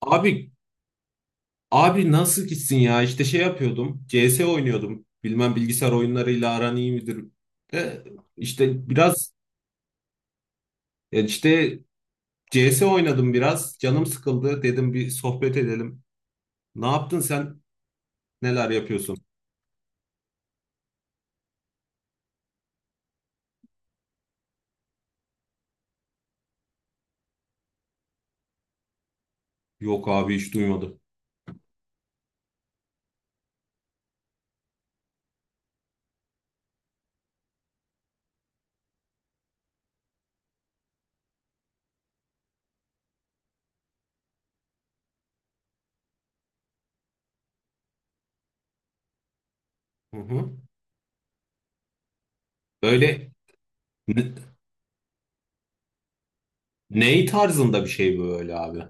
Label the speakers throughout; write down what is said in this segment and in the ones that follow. Speaker 1: Abi abi, nasıl gitsin ya? İşte şey yapıyordum. CS oynuyordum. Bilmem bilgisayar oyunlarıyla aran iyi midir? De, işte biraz ya işte CS oynadım biraz. Canım sıkıldı. Dedim bir sohbet edelim. Ne yaptın sen? Neler yapıyorsun? Yok abi hiç duymadım. Hı hı. Böyle ne, Ney tarzında bir şey böyle abi?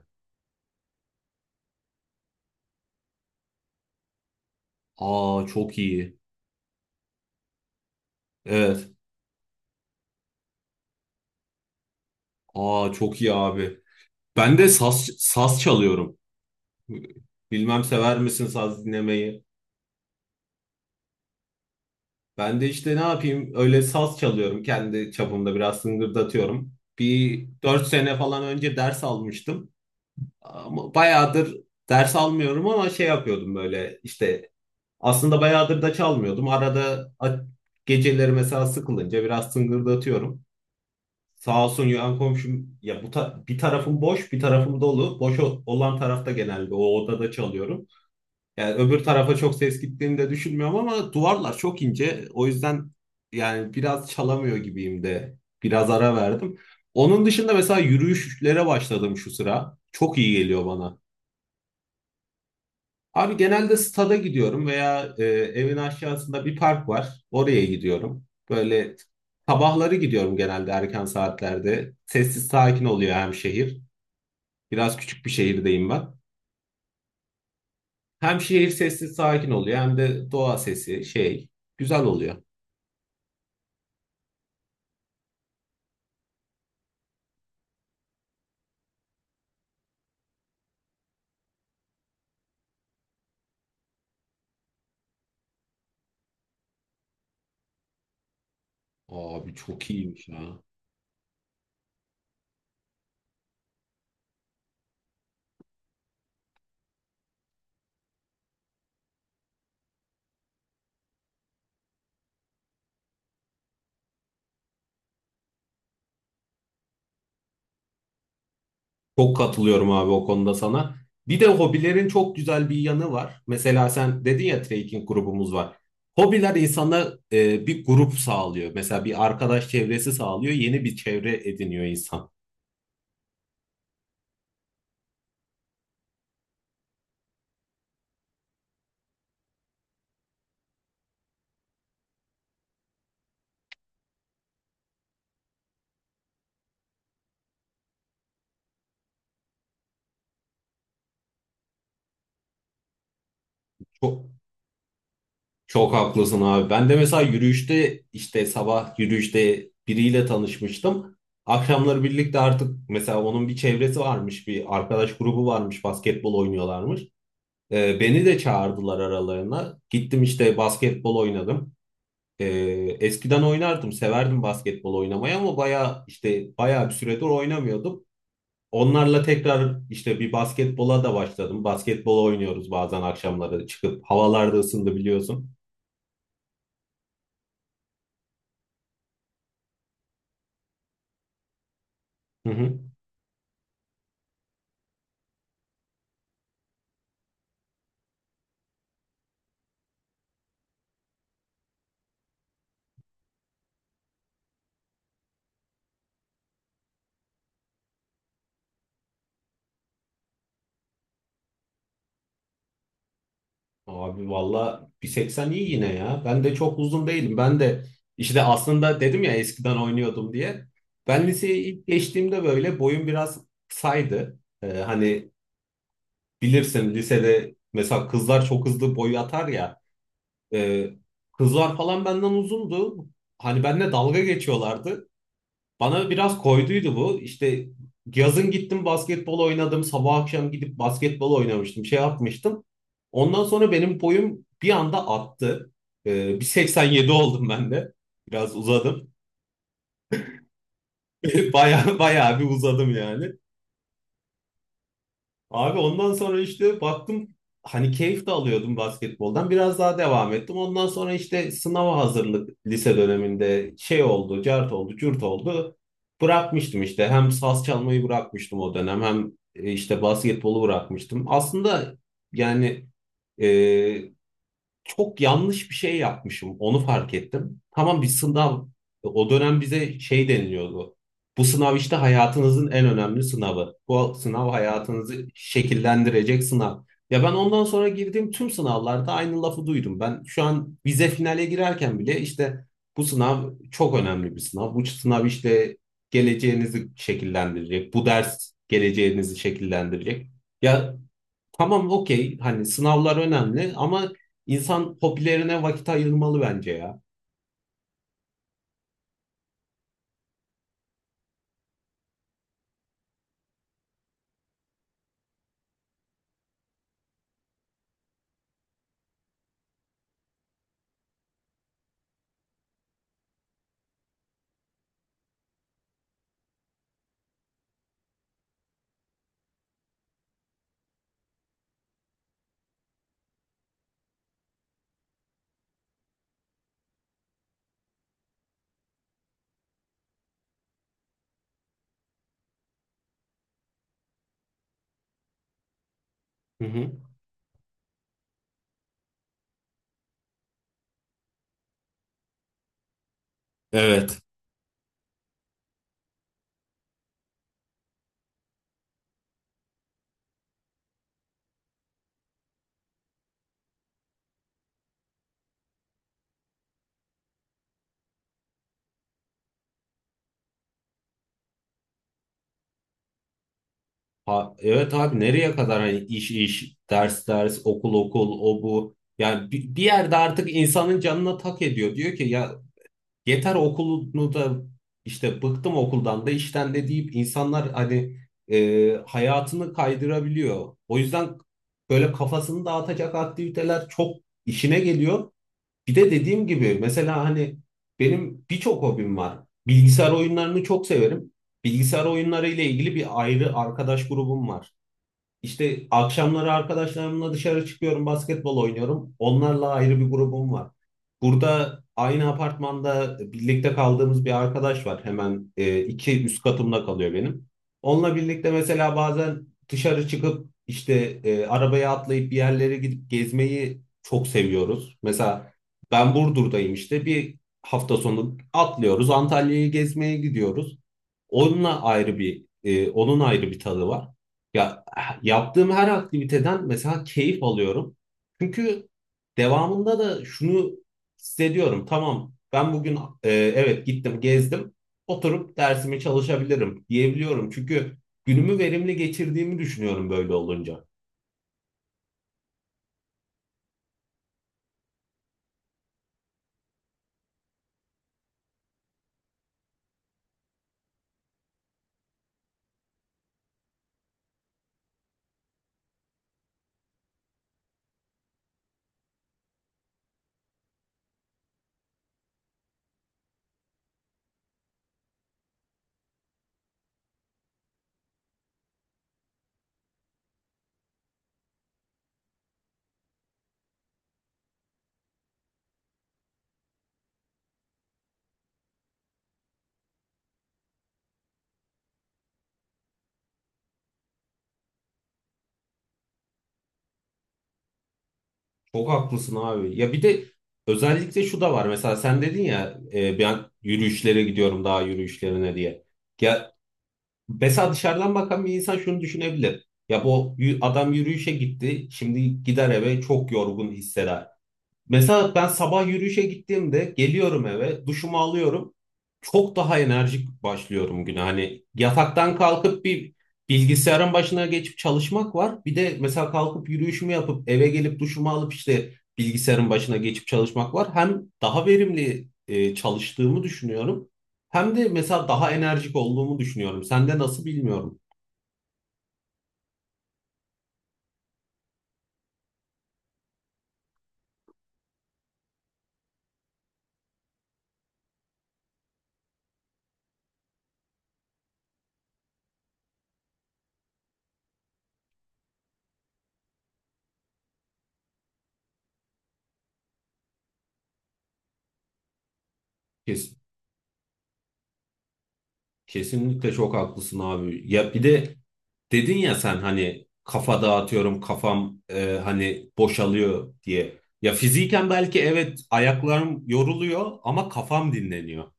Speaker 1: Aa çok iyi. Evet. Aa çok iyi abi. Ben de saz çalıyorum. Bilmem sever misin saz dinlemeyi? Ben de işte ne yapayım öyle saz çalıyorum. Kendi çapımda biraz sıngırdatıyorum. Bir 4 sene falan önce ders almıştım. Ama bayağıdır ders almıyorum ama şey yapıyordum böyle işte aslında bayağıdır da çalmıyordum. Arada geceleri mesela sıkılınca biraz sıngırdatıyorum. Sağ olsun yan komşum ya bu bir tarafım boş bir tarafım dolu. Boş olan tarafta genelde o odada çalıyorum. Yani öbür tarafa çok ses gittiğini de düşünmüyorum ama duvarlar çok ince. O yüzden yani biraz çalamıyor gibiyim de. Biraz ara verdim. Onun dışında mesela yürüyüşlere başladım şu sıra. Çok iyi geliyor bana. Abi genelde stada gidiyorum veya evin aşağısında bir park var. Oraya gidiyorum. Böyle sabahları gidiyorum genelde erken saatlerde. Sessiz sakin oluyor hem şehir. Biraz küçük bir şehirdeyim ben. Hem şehir sessiz sakin oluyor hem de doğa sesi şey güzel oluyor. Abi çok iyiymiş ha. Çok katılıyorum abi o konuda sana. Bir de hobilerin çok güzel bir yanı var. Mesela sen dedin ya trekking grubumuz var. Hobiler insana bir grup sağlıyor. Mesela bir arkadaş çevresi sağlıyor. Yeni bir çevre ediniyor insan. Çok çok haklısın abi. Ben de mesela yürüyüşte işte sabah yürüyüşte biriyle tanışmıştım. Akşamları birlikte artık mesela onun bir çevresi varmış, bir arkadaş grubu varmış, basketbol oynuyorlarmış. Beni de çağırdılar aralarına. Gittim işte basketbol oynadım. Ee, Eskiden oynardım, severdim basketbol oynamayı ama bayağı işte bayağı bir süredir oynamıyordum. Onlarla tekrar işte bir basketbola da başladım. Basketbol oynuyoruz bazen akşamları çıkıp havalarda ısındı biliyorsun. Hı hı. Abi valla 1.80 iyi yine ya. Ben de çok uzun değilim. Ben de işte aslında dedim ya eskiden oynuyordum diye. Ben liseyi ilk geçtiğimde böyle boyum biraz saydı. Hani bilirsin lisede mesela kızlar çok hızlı boy atar ya. E, Kızlar falan benden uzundu. Hani benimle dalga geçiyorlardı. Bana biraz koyduydu bu. İşte yazın gittim basketbol oynadım. Sabah akşam gidip basketbol oynamıştım. Şey yapmıştım. Ondan sonra benim boyum bir anda attı. Bir 87 oldum ben de. Biraz uzadım. Bayağı bayağı bir uzadım yani. Abi ondan sonra işte baktım hani keyif de alıyordum basketboldan. Biraz daha devam ettim. Ondan sonra işte sınava hazırlık lise döneminde şey oldu, cart oldu, cürt oldu. Bırakmıştım işte. Hem saz çalmayı bırakmıştım o dönem hem işte basketbolu bırakmıştım. Aslında yani e, çok yanlış bir şey yapmışım. Onu fark ettim. Tamam, bir sınav. O dönem bize şey deniliyordu. Bu sınav işte hayatınızın en önemli sınavı. Bu sınav hayatınızı şekillendirecek sınav. Ya, ben ondan sonra girdiğim tüm sınavlarda aynı lafı duydum. Ben şu an vize finale girerken bile işte bu sınav çok önemli bir sınav. Bu sınav işte geleceğinizi şekillendirecek. Bu ders geleceğinizi şekillendirecek. Ya, tamam, okey, hani sınavlar önemli ama insan hobilerine vakit ayırmalı bence ya. Hı hı. Evet. Ha, evet abi, nereye kadar hani iş iş, ders ders, okul okul, o bu. Yani bir yerde artık insanın canına tak ediyor. Diyor ki ya, yeter okulunu da işte bıktım okuldan da işten de deyip insanlar hani hayatını kaydırabiliyor. O yüzden böyle kafasını dağıtacak aktiviteler çok işine geliyor. Bir de dediğim gibi mesela hani benim birçok hobim var. Bilgisayar oyunlarını çok severim. Bilgisayar oyunları ile ilgili bir ayrı arkadaş grubum var. İşte akşamları arkadaşlarımla dışarı çıkıyorum, basketbol oynuyorum. Onlarla ayrı bir grubum var. Burada aynı apartmanda birlikte kaldığımız bir arkadaş var. Hemen iki üst katımda kalıyor benim. Onunla birlikte mesela bazen dışarı çıkıp işte arabaya atlayıp bir yerlere gidip gezmeyi çok seviyoruz. Mesela ben Burdur'dayım, işte bir hafta sonu atlıyoruz Antalya'yı gezmeye gidiyoruz. Onun ayrı bir tadı var. Ya, yaptığım her aktiviteden mesela keyif alıyorum. Çünkü devamında da şunu hissediyorum. Tamam, ben bugün e, evet gittim gezdim, oturup dersimi çalışabilirim diyebiliyorum. Çünkü günümü verimli geçirdiğimi düşünüyorum böyle olunca. Çok haklısın abi. Ya bir de özellikle şu da var. Mesela sen dedin ya ben yürüyüşlere gidiyorum daha yürüyüşlerine diye. Ya, mesela dışarıdan bakan bir insan şunu düşünebilir. Ya bu adam yürüyüşe gitti, şimdi gider eve çok yorgun hisseder. Mesela ben sabah yürüyüşe gittiğimde geliyorum eve, duşumu alıyorum. Çok daha enerjik başlıyorum güne. Hani yataktan kalkıp bir bilgisayarın başına geçip çalışmak var. Bir de mesela kalkıp yürüyüşümü yapıp eve gelip duşumu alıp işte bilgisayarın başına geçip çalışmak var. Hem daha verimli çalıştığımı düşünüyorum. Hem de mesela daha enerjik olduğumu düşünüyorum. Sende nasıl bilmiyorum. Kes- kesinlikle çok haklısın abi. Ya bir de dedin ya sen hani kafa dağıtıyorum, kafam hani boşalıyor diye. Ya fiziken belki evet ayaklarım yoruluyor ama kafam dinleniyor.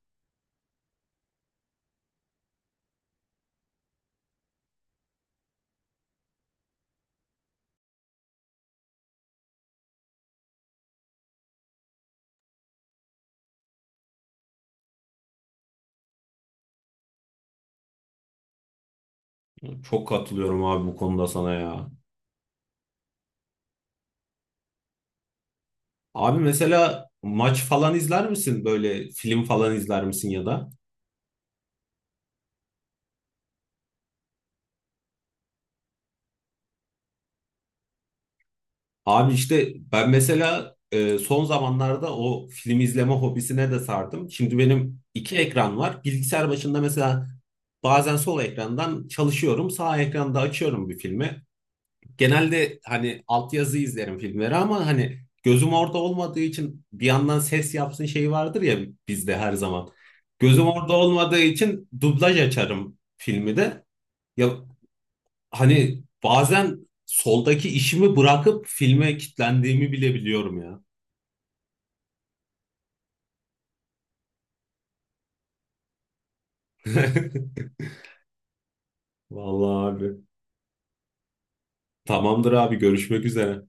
Speaker 1: Çok katılıyorum abi bu konuda sana ya. Abi, mesela maç falan izler misin? Böyle film falan izler misin ya da? Abi işte ben mesela son zamanlarda o film izleme hobisine de sardım. Şimdi benim iki ekran var. Bilgisayar başında mesela bazen sol ekrandan çalışıyorum, sağ ekranda açıyorum bir filmi. Genelde hani altyazı izlerim filmleri ama hani gözüm orada olmadığı için bir yandan ses yapsın şeyi vardır ya bizde her zaman. Gözüm orada olmadığı için dublaj açarım filmi de. Ya hani bazen soldaki işimi bırakıp filme kitlendiğimi bile biliyorum ya. Vallahi abi. Tamamdır abi, görüşmek üzere.